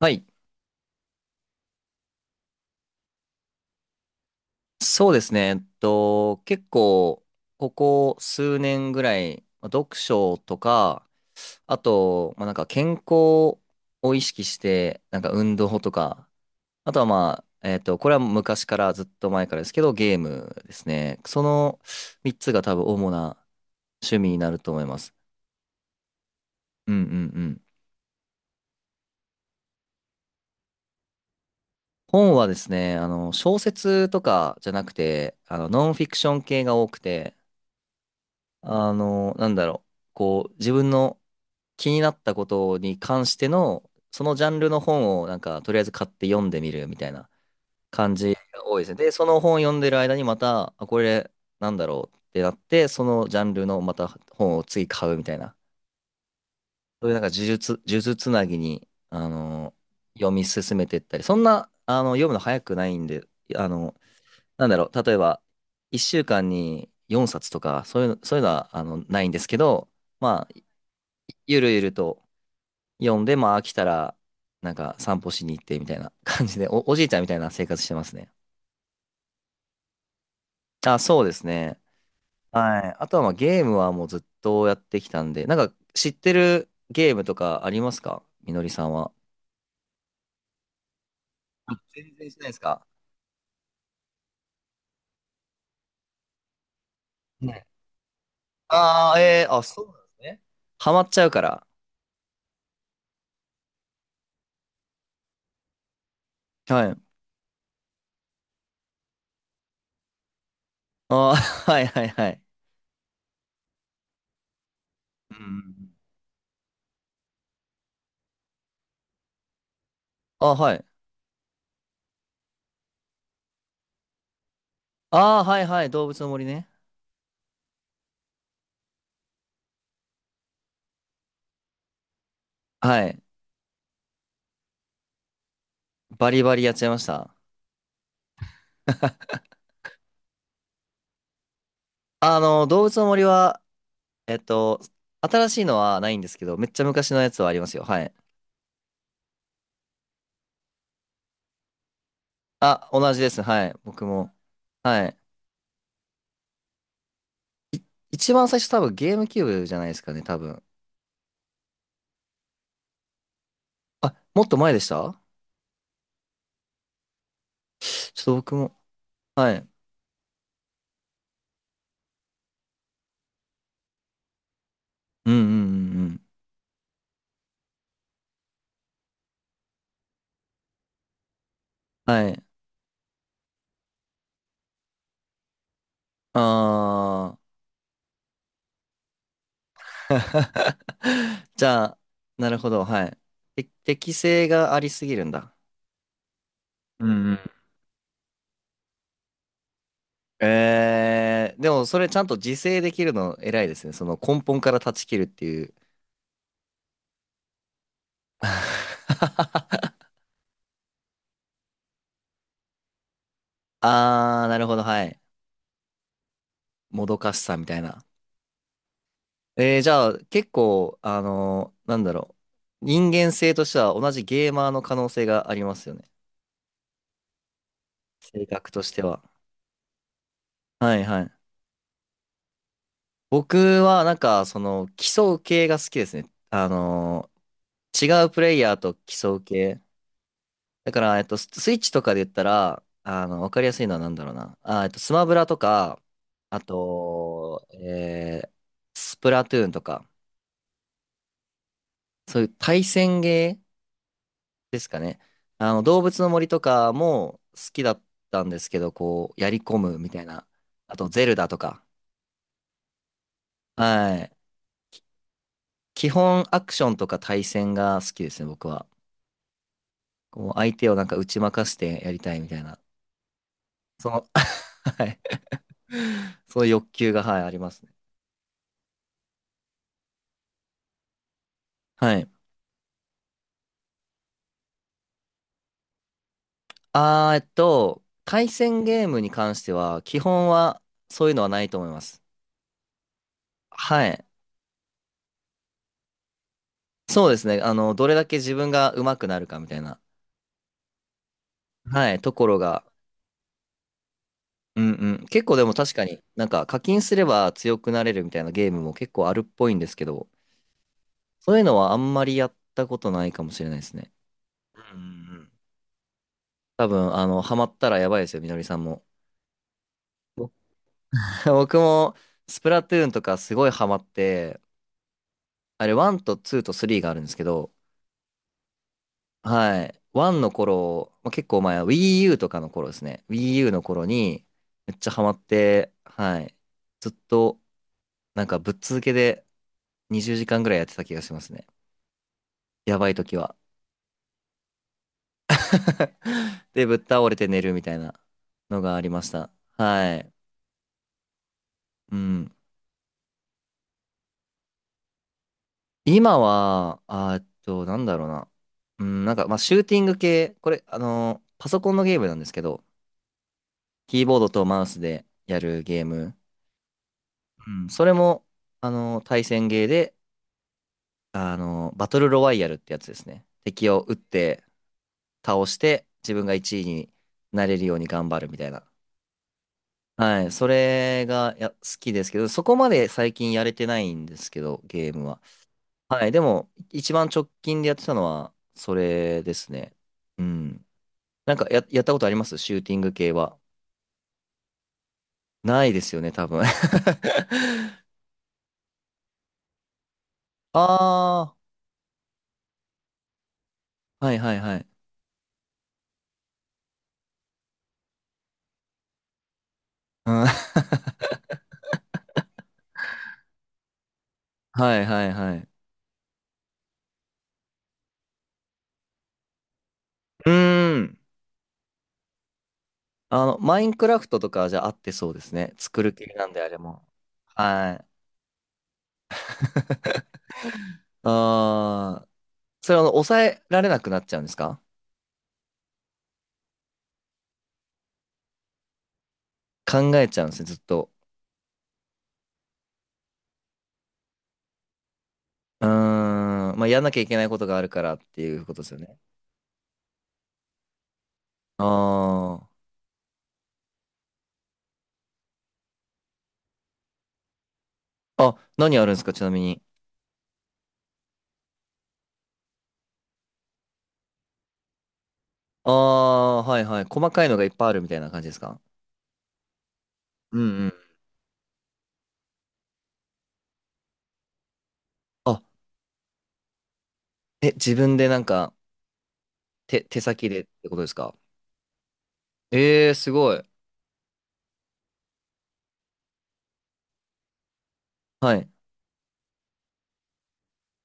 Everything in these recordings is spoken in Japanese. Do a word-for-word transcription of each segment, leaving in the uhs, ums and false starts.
はい。そうですね。えっと、結構、ここ数年ぐらい、まあ読書とか、あと、まあ、なんか健康を意識して、なんか運動とか、あとはまあ、えっと、これは昔からずっと前からですけど、ゲームですね。そのみっつが多分主な趣味になると思います。うんうんうん。本はですね、あの、小説とかじゃなくて、あの、ノンフィクション系が多くて、あの、なんだろう。こう、自分の気になったことに関しての、そのジャンルの本をなんかとりあえず買って読んでみるみたいな、多いですね。で、その本を読んでる間にまた、あ、これなんだろうってなって、そのジャンルのまた本を次買うみたいな、そういうなんか呪術、呪術つなぎに、あの、読み進めていったり、そんな、あの、読むの早くないんで、あの、なんだろう、例えば、いっしゅうかんによんさつとか、そういうの、そういうのは、あの、ないんですけど、まあ、ゆるゆると読んで、まあ飽きたら、なんか散歩しに行ってみたいな感じで、お、おじいちゃんみたいな生活してますね。あ、そうですね。はい。あとはまあゲームはもうずっとやってきたんで、なんか知ってるゲームとかありますか、みのりさんは？あ、全然しないですか？ね。ああ、えー、あ、そうなんですね。ハマっちゃうから。はい。ああ、はいはいはい。うんうんうん。あ、はい。ああ、はいはい。動物の森ね。はい。バリバリやっちゃいました。あの、動物の森は、えっと、新しいのはないんですけど、めっちゃ昔のやつはありますよ。はい。あ、同じです。はい。僕も。はい。い一番最初多分ゲームキューブじゃないですかね、多分。あ、もっと前でした？ちょっと僕も。はい。うんうんうんうん。はい。あー。じゃあ、なるほど。はい。て適性がありすぎるんだ。うんうん。えー、でもそれちゃんと自制できるの偉いですね。その根本から断ち切るっていう。あー、なるほど、はい。もどかしさみたいな。えー、じゃあ、結構、あのーなんだろう。人間性としては同じゲーマーの可能性がありますよね。性格としては。はいはい。僕は、なんか、その、競う系が好きですね。あのー違うプレイヤーと競う系。だから、えっと、ススイッチとかで言ったら、あの、わかりやすいのはなんだろうな。あー、えっと、スマブラとか、あと、えー、スプラトゥーンとか、そういう対戦ゲーですかね。あの、動物の森とかも好きだったんですけど、こう、やり込むみたいな。あと、ゼルダとか。はい。基本、アクションとか対戦が好きですね、僕は。こう、相手をなんか打ち負かしてやりたいみたいな。その はい。そういう欲求が、はい、ありますね。はい。あー、えっと、対戦ゲームに関しては、基本はそういうのはないと思います。はい。そうですね。あの、どれだけ自分が上手くなるかみたいな、はい、ところが。うんうん。結構でも確かになんか課金すれば強くなれるみたいなゲームも結構あるっぽいんですけど、そういうのはあんまりやったことないかもしれないですね。うんうんうん。多分、あの、ハマったらやばいですよ、みのりさんも。僕 僕も、スプラトゥーンとかすごいハマって、あれ、いちとツーとスリーがあるんですけど、はい。ワンの頃、まあ、結構前、Wii U とかの頃ですね。Wii U の頃に、めっちゃハマって、はい。ずっと、なんかぶっ続けでにじゅうじかんぐらいやってた気がしますね。やばい時は。で、ぶっ倒れて寝るみたいなのがありました。はい。うん。今は、あーっと、なんだろうな。うん、なんか、まあ、シューティング系、これ、あのパソコンのゲームなんですけど、キーボードとマウスでやるゲーム。うん、それも、あの対戦ゲーで、あのバトルロワイヤルってやつですね。敵を撃って、倒して、自分がいちいになれるように頑張るみたいな。はい。それが、や、好きですけど、そこまで最近やれてないんですけど、ゲームは。はい。でも、一番直近でやってたのは、それですね。うん。なんかや、やったことありますシューティング系は？ないですよね、多分。ああ、はいはいはい。うん はいはいはい。うーん。あの、マインクラフトとかじゃ合ってそうですね。作る系なんであれも。はい。ああ、それはあの抑えられなくなっちゃうんですか？考えちゃうんですね、ずっと。うーん、まあ、やんなきゃいけないことがあるからっていうことですよね。ああ。あ、何あるんですか、ちなみに。ああ、はいはい。細かいのがいっぱいあるみたいな感じですか？うんうん。あ、え、自分でなんか、手、手先でってことですか？ええすごい。はい。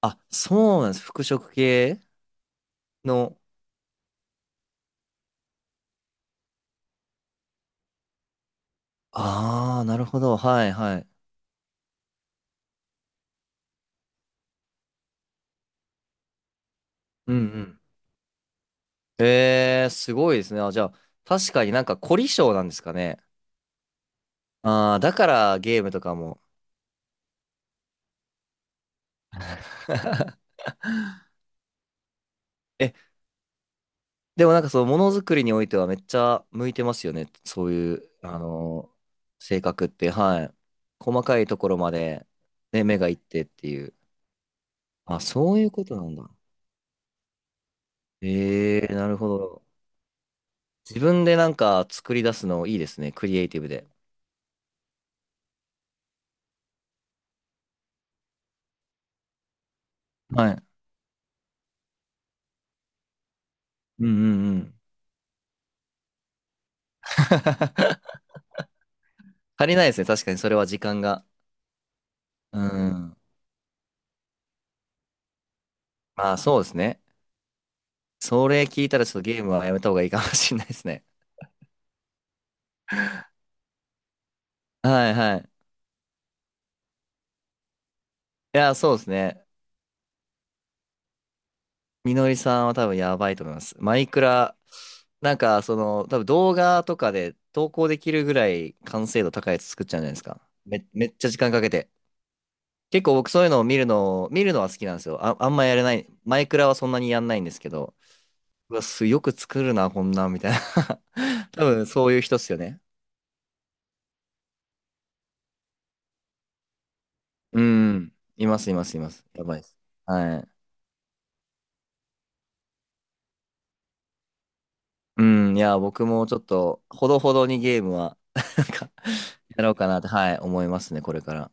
あ、そうなんです。服飾系の。ああ、なるほど。はいはい。うんうん。ええすごいですね。あ、じゃあ、確かになんか凝り性なんですかね。ああ、だからゲームとかも。え、でもなんかそう、ものづくりにおいてはめっちゃ向いてますよね。そういう、あのー性格って、はい。細かいところまで、ね、目がいってっていう。あ、そういうことなんだ。えーなるほど。自分でなんか作り出すのいいですね。クリエイティブで。はい。うんうんうん。足りないですね。確かにそれは時間が。うん。まあそうですね。それ聞いたらちょっとゲームはやめた方がいいかもしれないですね。はいはい。いや、そうですね。みのりさんは多分やばいと思います。マイクラ、なんかその、多分動画とかで投稿できるぐらい完成度高いやつ作っちゃうんじゃないですか？め、めっちゃ時間かけて。結構僕そういうのを見るの、見るのは好きなんですよ。あ、あんまやれない。マイクラはそんなにやんないんですけど。うわ、す、よく作るな、こんなん、みたいな。多分そういう人っすよね。うん。います、います、います。やばいです。はい。うん。いや、僕もちょっと、ほどほどにゲームは、なんか、やろうかなって、はい、思いますね、これから。